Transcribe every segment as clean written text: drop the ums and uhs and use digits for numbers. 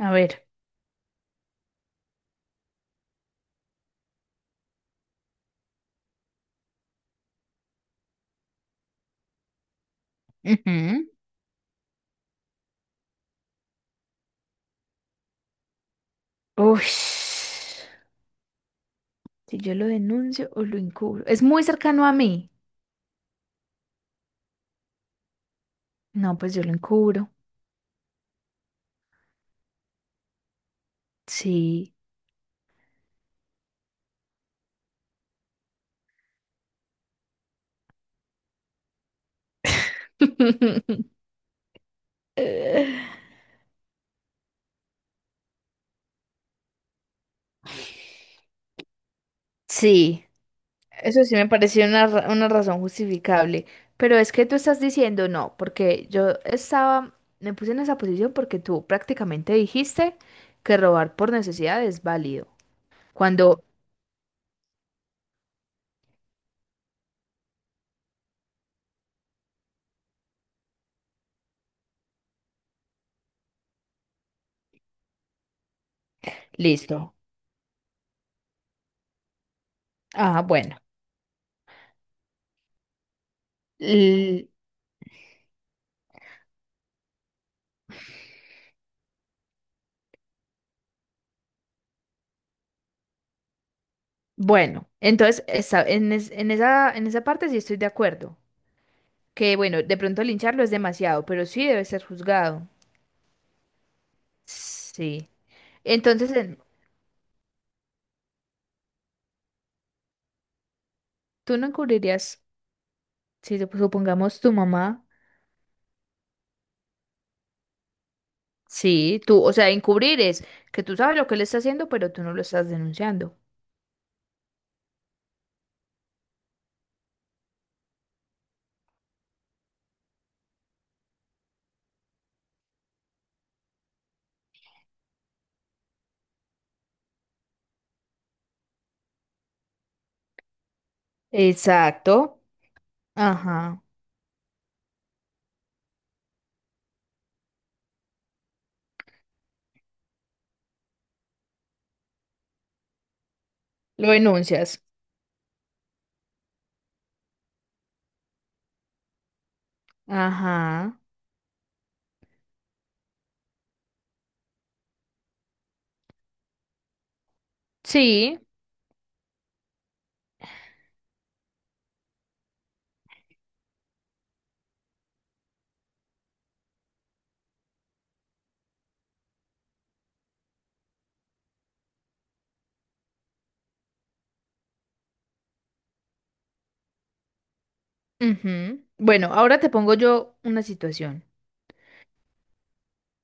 A ver. Ujú. Ush. Si yo lo denuncio o lo encubro. Es muy cercano a mí. No, pues yo lo encubro. Sí. Eh, Sí, eso sí me pareció una, una razón justificable. Pero es que tú estás diciendo no, porque yo estaba, me puse en esa posición porque tú prácticamente dijiste que robar por necesidad es válido. Cuando, listo. Ah, bueno. Bueno, entonces en esa parte sí estoy de acuerdo. Que bueno, de pronto lincharlo es demasiado, pero sí debe ser juzgado. Sí. Entonces, en- Tú no encubrirías, si supongamos tu mamá, sí, o sea, encubrir es que tú sabes lo que él está haciendo, pero tú no lo estás denunciando. Exacto. Ajá. Lo denuncias. Ajá. Sí. Ujú. Bueno, ahora te pongo yo una situación.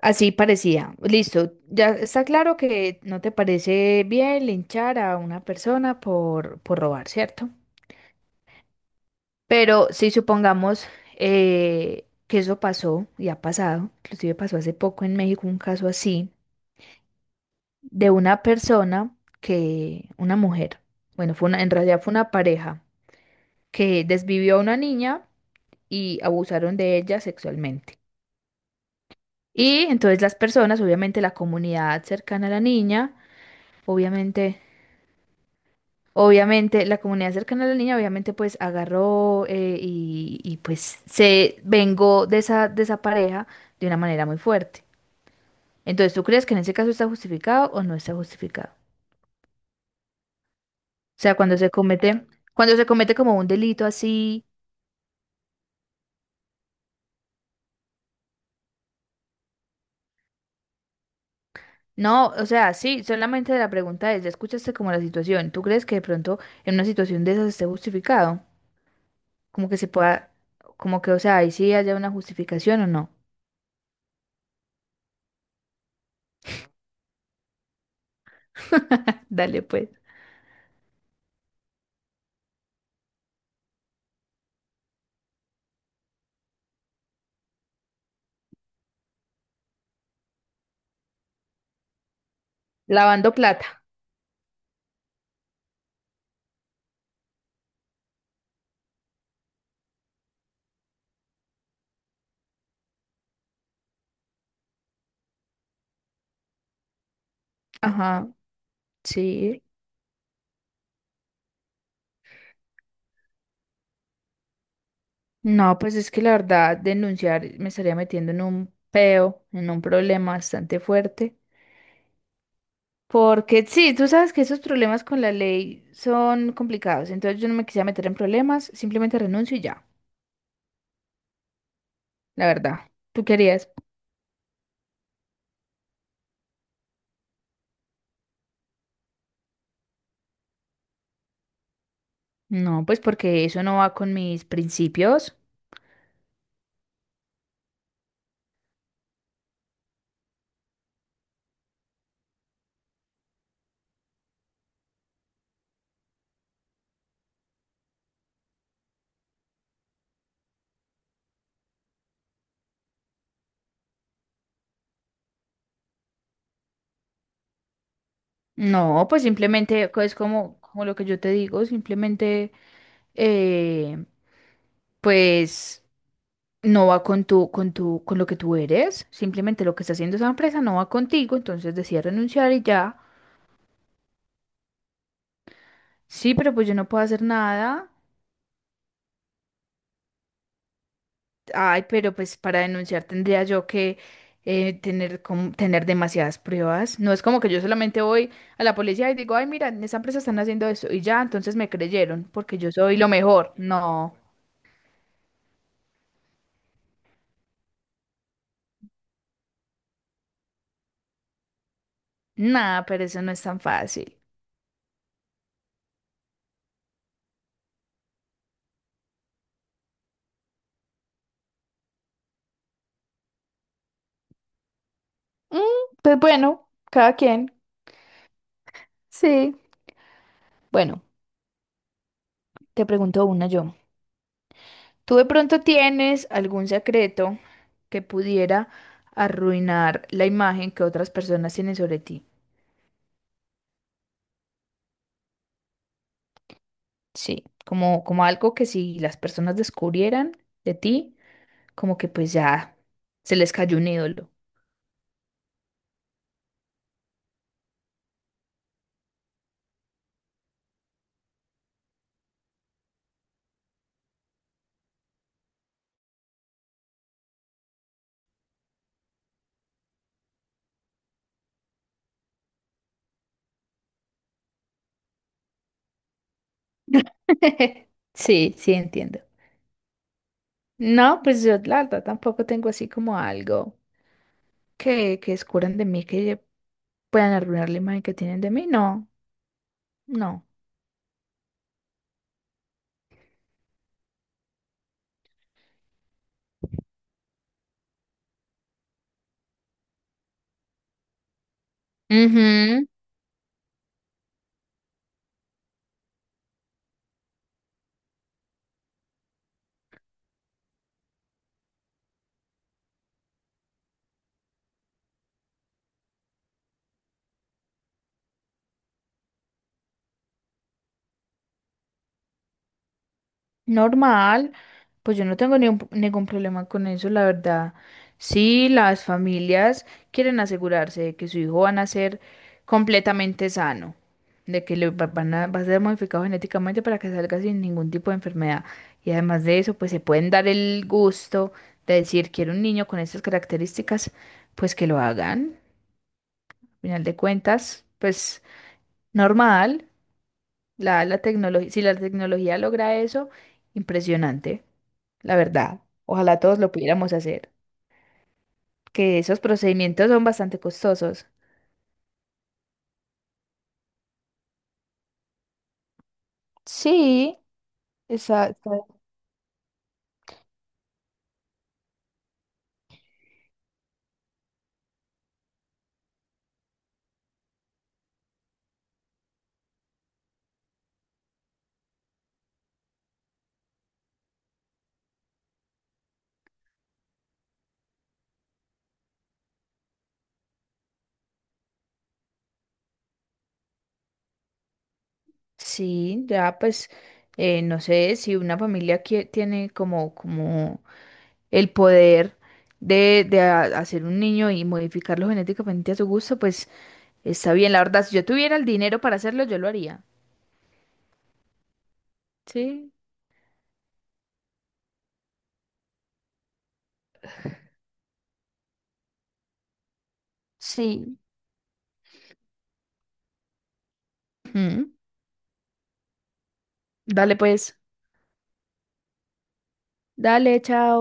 Así parecía. Listo. Ya está claro que no te parece bien linchar a una persona por robar, ¿cierto? Pero si supongamos que eso pasó y ha pasado, inclusive pasó hace poco en México un caso así, de una persona una mujer, bueno, fue una, en realidad fue una pareja que desvivió a una niña y abusaron de ella sexualmente. Y entonces las personas, obviamente la comunidad cercana a la niña, obviamente Obviamente, la comunidad cercana a la niña, obviamente, pues agarró pues se vengó de esa pareja de una manera muy fuerte. Entonces, ¿tú crees que en ese caso está justificado o no está justificado? O sea, cuando se comete como un delito así, no, o sea, sí, solamente la pregunta es, ya escuchaste como la situación, ¿tú crees que de pronto en una situación de esas esté justificado? Como que se pueda, como que, o sea, ahí sí haya una justificación o no. Dale, pues. Lavando plata. Ajá, sí. No, pues es que la verdad, denunciar me estaría metiendo en un peo, en un problema bastante fuerte. Porque sí, tú sabes que esos problemas con la ley son complicados. Entonces yo no me quisiera meter en problemas, simplemente renuncio y ya, la verdad. ¿Tú querías? No, pues porque eso no va con mis principios. No, pues simplemente es como, como lo que yo te digo, simplemente, eh, pues. no va con tu, con tu, con lo que tú eres. Simplemente lo que está haciendo esa empresa no va contigo, entonces decide renunciar y ya. Sí, pero pues yo no puedo hacer nada. Ay, pero pues para denunciar tendría yo que tener, tener demasiadas pruebas. No es como que yo solamente voy a la policía y digo, ay, mira, en esa empresa están haciendo eso y ya, entonces me creyeron porque yo soy lo mejor. No, nada, pero eso no es tan fácil. Mm, pues bueno, cada quien. Sí. Bueno, te pregunto una yo. ¿Tú de pronto tienes algún secreto que pudiera arruinar la imagen que otras personas tienen sobre ti? Sí, como, como algo que si las personas descubrieran de ti, como que pues ya se les cayó un ídolo. Sí, sí, entiendo. No, pues yo la verdad tampoco tengo así como algo que descubran de mí que puedan arruinar la imagen que tienen de mí. No, no. Ujú. Normal, pues yo no tengo ni ningún problema con eso, la verdad. Si las familias quieren asegurarse de que su hijo va a nacer completamente sano, de que van a, va a ser modificado genéticamente para que salga sin ningún tipo de enfermedad. Y además de eso, pues se pueden dar el gusto de decir, quiero un niño con estas características, pues que lo hagan. Al final de cuentas, pues normal. La tecnología, si la tecnología logra eso, impresionante, la verdad. Ojalá todos lo pudiéramos hacer, que esos procedimientos son bastante costosos. Sí, exacto. Sí, ya pues, no sé si una familia que tiene como, como el poder de, hacer un niño y modificarlo genéticamente a su gusto, pues está bien. La verdad, si yo tuviera el dinero para hacerlo, yo lo haría. Sí. Sí. Mm. Dale pues. Dale, chao.